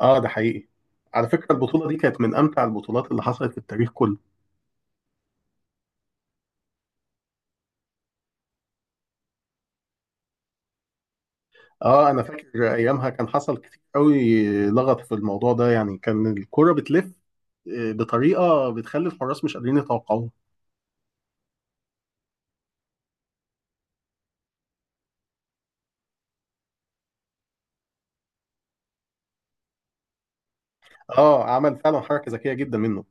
اه، ده حقيقي. على فكرة البطولة دي كانت من أمتع البطولات اللي حصلت في التاريخ كله. آه، أنا فاكر أيامها كان حصل كتير قوي لغط في الموضوع ده، يعني كان الكرة بتلف بطريقة بتخلي الحراس مش قادرين يتوقعوها. آه، عمل فعلا حركة ذكية جدا منه.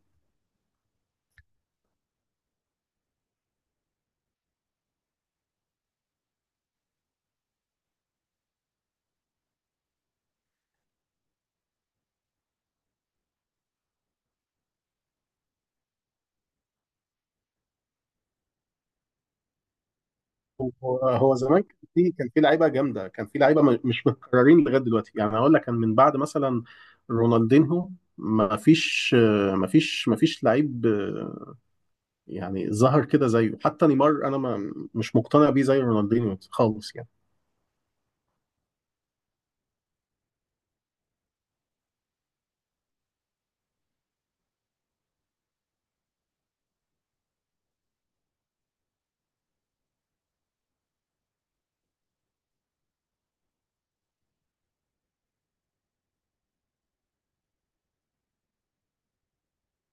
هو زمان كان في لعيبة جامدة، كان في لعيبة مش متكررين لغاية دلوقتي، يعني هقول لك كان من بعد مثلا رونالدينهو. ما فيش آه، ما فيش ما فيش لعيب، يعني ظهر كده زيه. حتى نيمار انا ما مش مقتنع بيه زي رونالدينيو خالص يعني.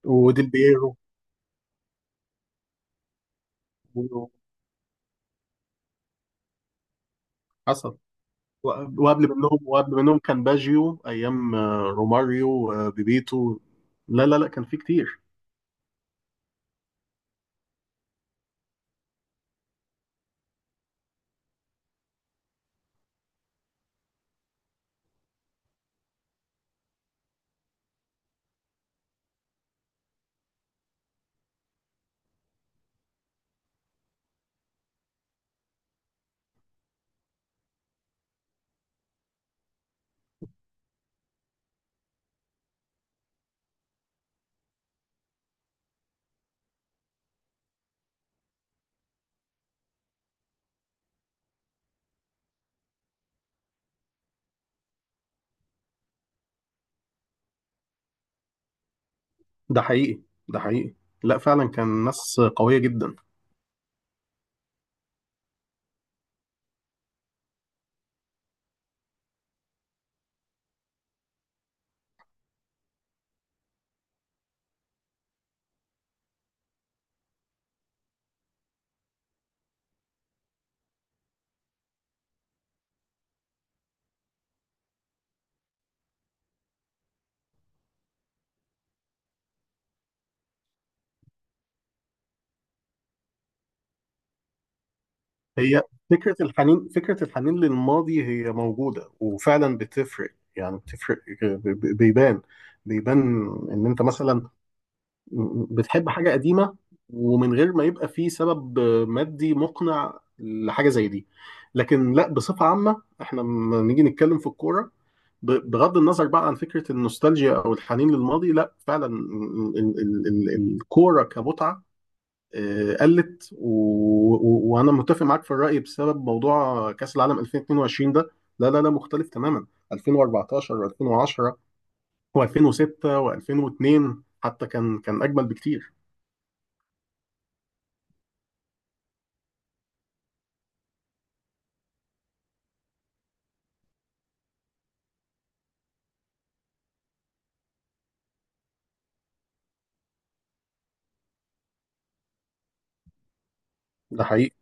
وديل بييرو حصل. وقبل منهم كان باجيو، ايام روماريو، بيبيتو. لا لا لا، كان في كتير. ده حقيقي. ده حقيقي. لا فعلا كان ناس قوية جدا. هي فكرة الحنين للماضي، هي موجودة وفعلا بتفرق، يعني بتفرق. بيبان بيبان. ان انت مثلا بتحب حاجة قديمة، ومن غير ما يبقى فيه سبب مادي مقنع لحاجة زي دي. لكن لا، بصفة عامة احنا لما نيجي نتكلم في الكورة، بغض النظر بقى عن فكرة النوستالجيا أو الحنين للماضي، لا فعلا الكورة كمتعة. قلت، وأنا متفق معاك في الرأي، بسبب موضوع كأس العالم 2022 ده. لا لا لا، مختلف تماما. 2014 و2010 و2006 و2002 حتى كان أجمل بكتير. ده حقيقي.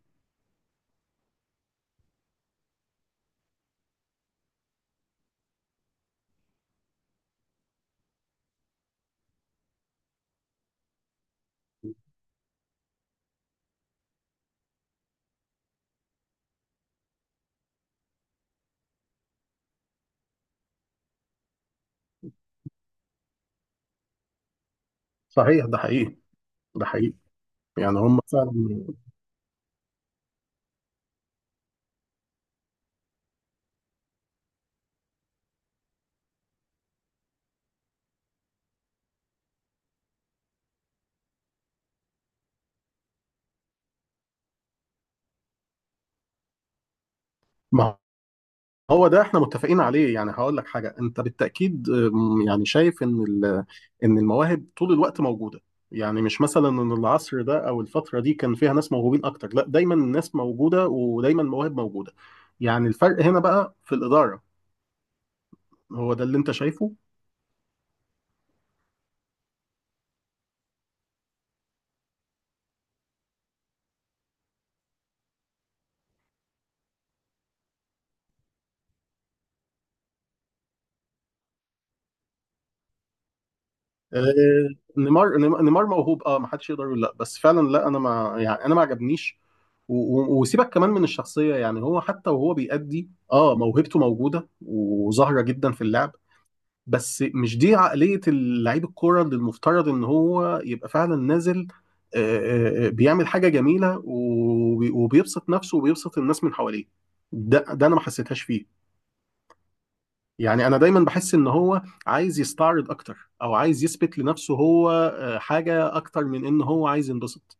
صحيح. ده حقيقي. ده حقيقي. يعني هم فعلا. ما هو ده احنا متفقين عليه. يعني هقول لك حاجه، انت بالتاكيد يعني شايف ان المواهب طول الوقت موجوده. يعني مش مثلا ان العصر ده او الفتره دي كان فيها ناس موهوبين اكتر، لا دايما الناس موجوده ودايما المواهب موجوده. يعني الفرق هنا بقى في الاداره، هو ده اللي انت شايفه. آه، نيمار نيمار نيمار موهوب، اه ما حدش يقدر يقول لا. بس فعلا لا، انا ما عجبنيش. وسيبك كمان من الشخصيه، يعني هو حتى وهو بيأدي موهبته موجوده وظاهره جدا في اللعب. بس مش دي عقليه اللعيب الكوره اللي المفترض ان هو يبقى فعلا نازل، آه، بيعمل حاجه جميله، وبيبسط نفسه وبيبسط الناس من حواليه. ده انا ما حسيتهاش فيه. يعني انا دايما بحس ان هو عايز يستعرض اكتر، او عايز يثبت لنفسه هو حاجه اكتر من ان هو عايز ينبسط.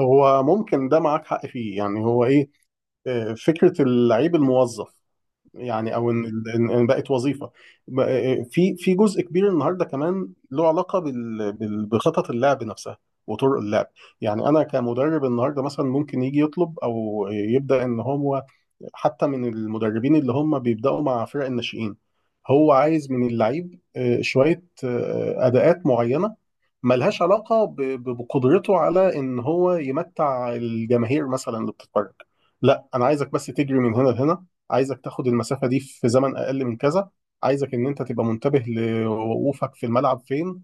هو ممكن ده معاك حق فيه، يعني هو ايه، فكره اللعيب الموظف. يعني، او ان إن بقت وظيفه. في جزء كبير النهارده كمان له علاقه بخطط اللعب نفسها، وطرق اللعب. يعني انا كمدرب النهارده مثلا ممكن يجي يطلب او يبدا ان هو، حتى من المدربين اللي هم بيبدأوا مع فرق الناشئين، هو عايز من اللعيب شوية أداءات معينة، ملهاش علاقة بقدرته على إن هو يمتع الجماهير مثلا اللي بتتفرج. لا، أنا عايزك بس تجري من هنا لهنا، عايزك تاخد المسافة دي في زمن أقل من كذا، عايزك إن أنت تبقى منتبه لوقوفك في الملعب فين.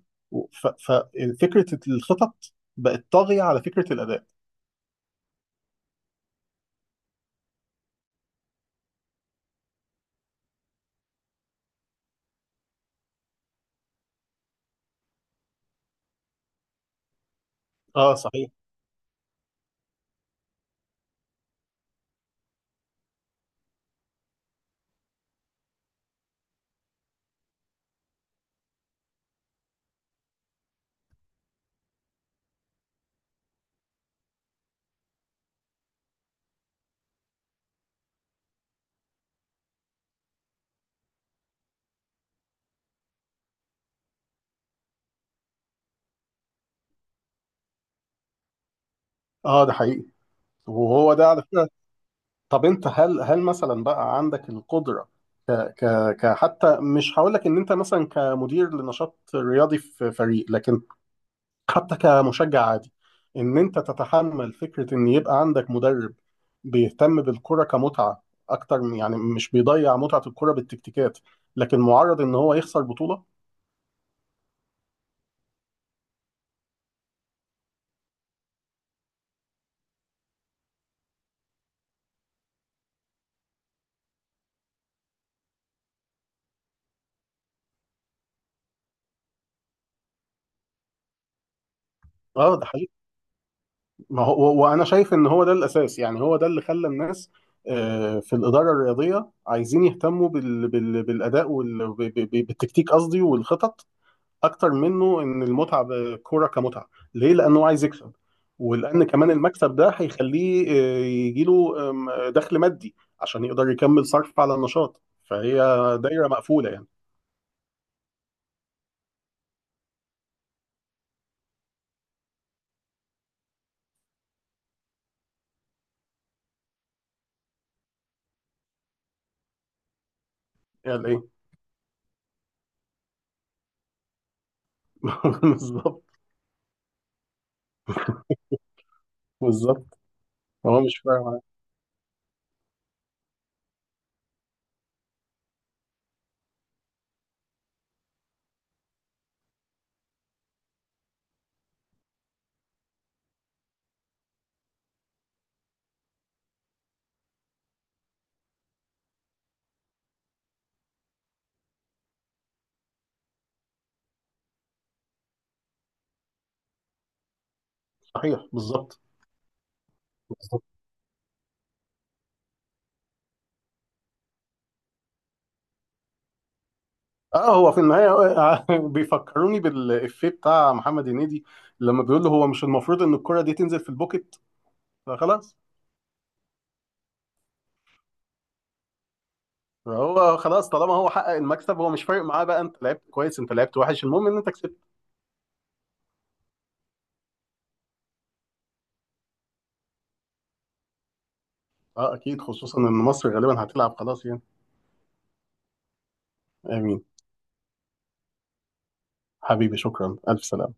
ففكرة الخطط بقت طاغية على فكرة الأداء. اه صحيح. اه ده حقيقي. وهو ده على فكرة. طب انت، هل مثلا بقى عندك القدره، ك ك ك حتى مش هقول لك ان انت مثلا كمدير لنشاط رياضي في فريق، لكن حتى كمشجع عادي، ان انت تتحمل فكره ان يبقى عندك مدرب بيهتم بالكره كمتعه اكتر يعني مش بيضيع متعه الكره بالتكتيكات، لكن معرض ان هو يخسر بطوله. اه ده. ما هو، وانا شايف ان هو ده الاساس، يعني هو ده اللي خلى الناس، في الاداره الرياضيه، عايزين يهتموا بالاداء وال... ب... ب... ب- بالتكتيك، قصدي والخطط، اكتر منه ان المتعه بالكوره كمتعه. ليه؟ لانه عايز يكسب، ولان كمان المكسب ده هيخليه يجي له دخل مادي عشان يقدر يكمل صرف على النشاط، فهي دايره مقفوله يعني. يعني ايه؟ بالظبط. بالظبط. هو مش فاهم. صحيح، بالظبط. اه، هو في النهاية بيفكروني بالإفيه بتاع محمد هنيدي، لما بيقول له هو مش المفروض إن الكرة دي تنزل في البوكت. فخلاص. فهو خلاص، طالما هو حقق المكسب هو مش فارق معاه بقى، أنت لعبت كويس أنت لعبت وحش، المهم إن أنت كسبت. اه أكيد، خصوصا إن مصر غالبا هتلعب، خلاص يعني. آمين. حبيبي شكرا، ألف سلامة.